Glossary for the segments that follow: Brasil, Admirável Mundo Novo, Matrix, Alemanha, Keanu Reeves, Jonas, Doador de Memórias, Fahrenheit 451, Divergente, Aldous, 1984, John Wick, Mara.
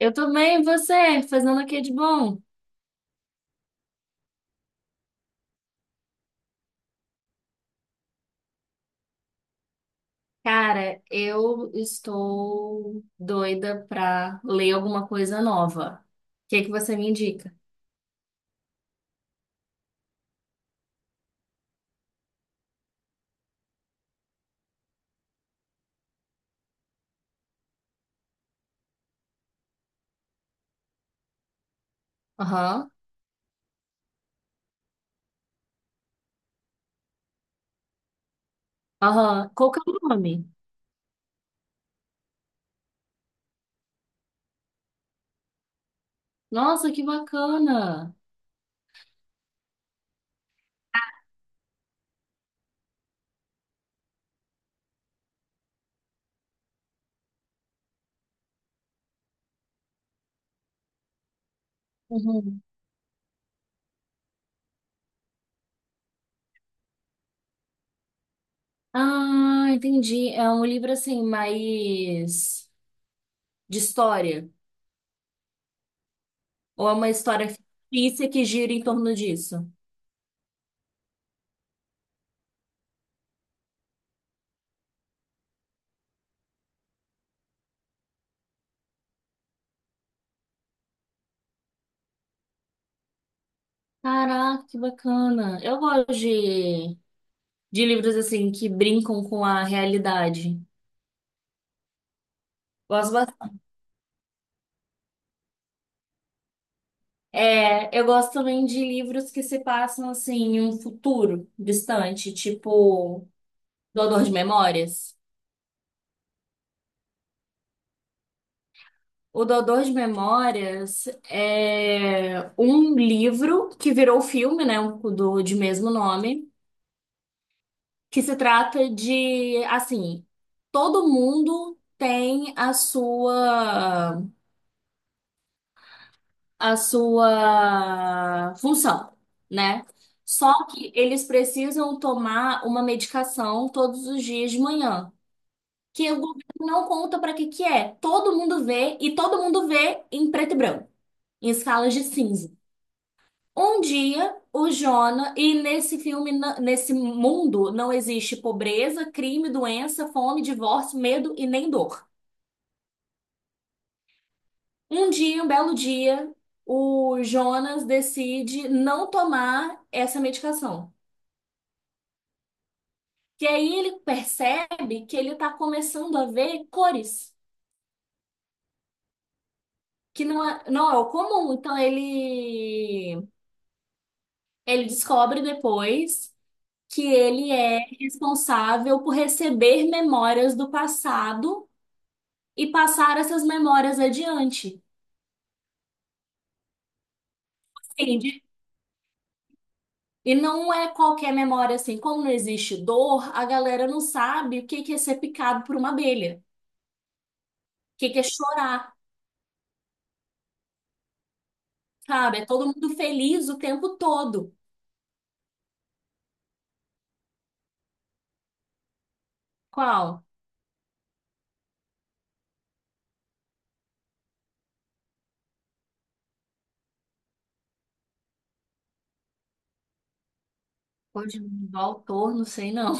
Eu tô bem, e você? Fazendo o que de bom? Cara, eu estou doida pra ler alguma coisa nova. O que que você me indica? Aham, aham. Qual que é o nome? Nossa, que bacana! Uhum. Ah, entendi. É um livro assim, mais de história. Ou é uma história fictícia que gira em torno disso? Caraca, que bacana. Eu gosto de livros assim que brincam com a realidade. Gosto bastante. É, eu gosto também de livros que se passam assim em um futuro distante, tipo Doador de Memórias. O Doador de Memórias é um livro que virou filme, né, do de mesmo nome, que se trata de assim, todo mundo tem a sua função, né? Só que eles precisam tomar uma medicação todos os dias de manhã, que o governo não conta para que que é. Todo mundo vê e todo mundo vê em preto e branco, em escalas de cinza. Um dia, o Jonah, e nesse filme, nesse mundo, não existe pobreza, crime, doença, fome, divórcio, medo e nem dor. Um dia, um belo dia, o Jonas decide não tomar essa medicação. E aí ele percebe que ele está começando a ver cores, que não é o comum. Então ele descobre depois que ele é responsável por receber memórias do passado e passar essas memórias adiante. Sim. E não é qualquer memória assim. Como não existe dor, a galera não sabe o que que é ser picado por uma abelha, o que que é chorar, sabe? É todo mundo feliz o tempo todo. Qual? Pode mudar o autor, não sei não.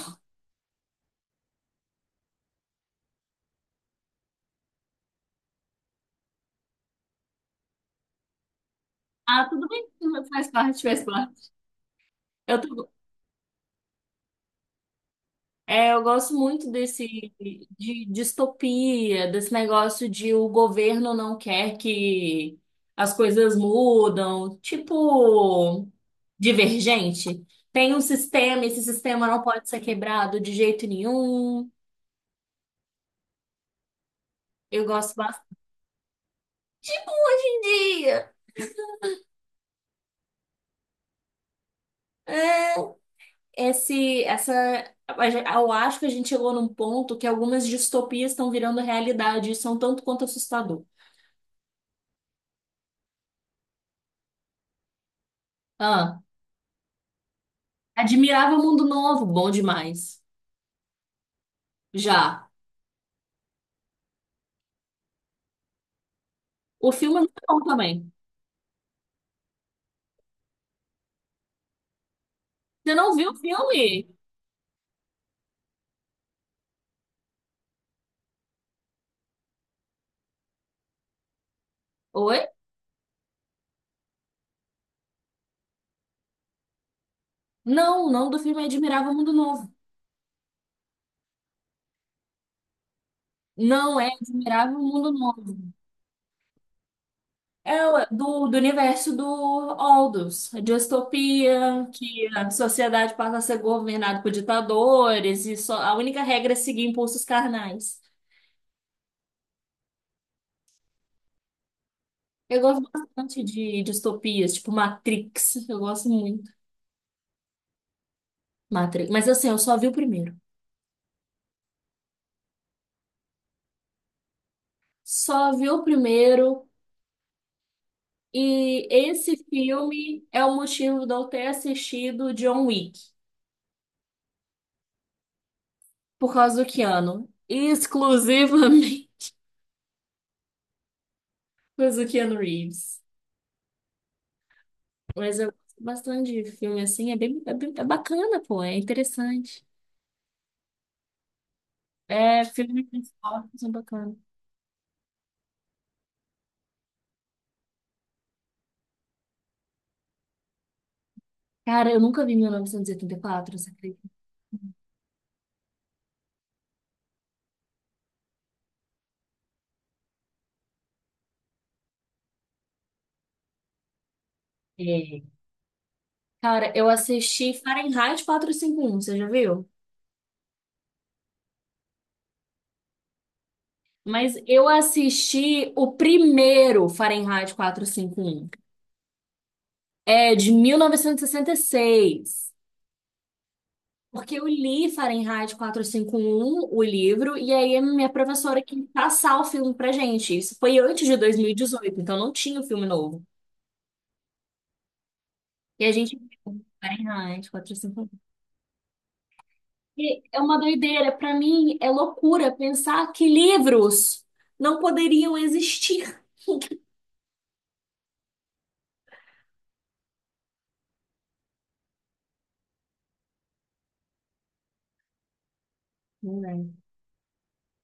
Ah, tudo bem, faz parte, faz parte. Eu tô. É, eu gosto muito desse de distopia, desse negócio de o governo não quer que as coisas mudam, tipo divergente. Tem um sistema, esse sistema não pode ser quebrado de jeito nenhum. Eu gosto bastante. Tipo um dia, esse, essa, a gen- eu acho que a gente chegou num ponto que algumas distopias estão virando realidade e são tanto quanto assustador. Ah, admirava o mundo novo, bom demais. Já. O filme é muito bom também. Você não viu o filme? Oi? Não, o nome do filme é Admirável Mundo Novo. Não é Admirável Mundo Novo. Do universo do Aldous, a distopia, que a sociedade passa a ser governada por ditadores e só, a única regra é seguir impulsos carnais. Eu gosto bastante de distopias, tipo Matrix. Eu gosto muito. Matrix. Mas assim, eu só vi o primeiro. Só vi o primeiro E esse filme é o motivo de eu ter assistido John Wick, por causa do Keanu. Exclusivamente por causa do Keanu Reeves. Mas eu gosto bastante de filme assim, é bacana, pô, é interessante. É, filme de esporte são bacana. Cara, eu nunca vi 1984, você acredita? É. Cara, eu assisti Fahrenheit 451, você já viu? Mas eu assisti o primeiro Fahrenheit 451. É de 1966. Porque eu li Fahrenheit 451, o livro, e aí a minha professora quis passar o filme pra gente. Isso foi antes de 2018, então não tinha o filme novo. E a gente viu Fahrenheit 451. E 51. E é uma doideira, pra mim é loucura pensar que livros não poderiam existir. Né?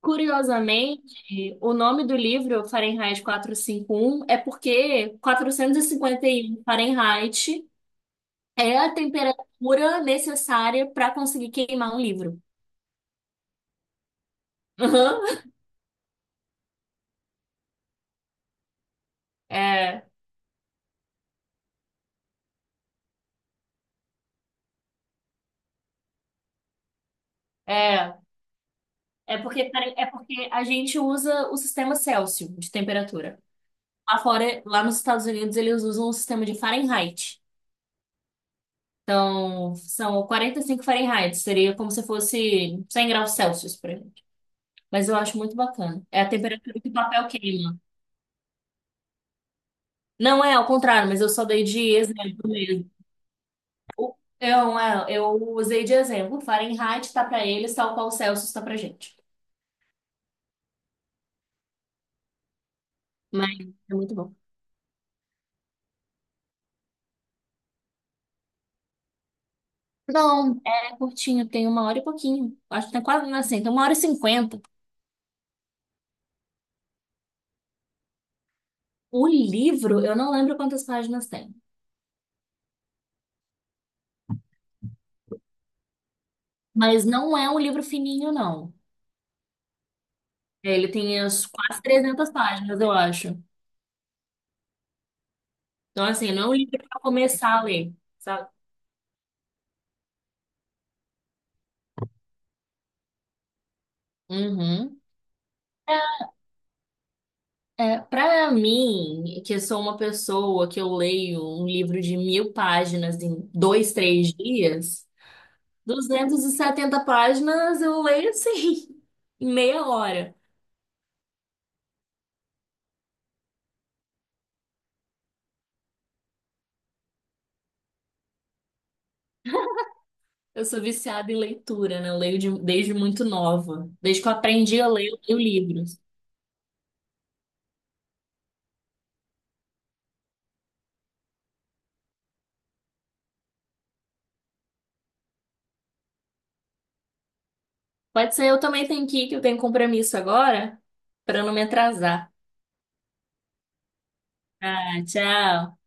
Curiosamente, o nome do livro, Fahrenheit 451, é porque 451 Fahrenheit é a temperatura necessária para conseguir queimar um livro. Uhum. É, é. É porque a gente usa o sistema Celsius de temperatura. Lá fora, lá nos Estados Unidos, eles usam o sistema de Fahrenheit. Então, são 45 Fahrenheit. Seria como se fosse 100 graus Celsius, por exemplo. Mas eu acho muito bacana. É a temperatura que o papel queima. Não é ao contrário, mas eu só dei de exemplo mesmo. Eu usei de exemplo. Fahrenheit tá pra eles, tal qual Celsius tá pra gente. Mas é muito bom. Não, é curtinho, tem uma hora e pouquinho. Acho que tem quase, assim, tem 1h50. O livro, eu não lembro quantas páginas tem. Mas não é um livro fininho, não. Ele tem as quase 300 páginas, eu acho. Então, assim, não é um livro pra começar a ler, sabe? Uhum. É, é, para mim, que eu sou uma pessoa que eu leio um livro de 1.000 páginas em 2, 3 dias, 270 páginas eu leio assim, em meia hora. Eu sou viciada em leitura, né? Eu leio desde muito nova. Desde que eu aprendi a ler, eu leio livros. Pode ser, eu também tenho que ir, que eu tenho compromisso agora, para não me atrasar. Ah, tchau.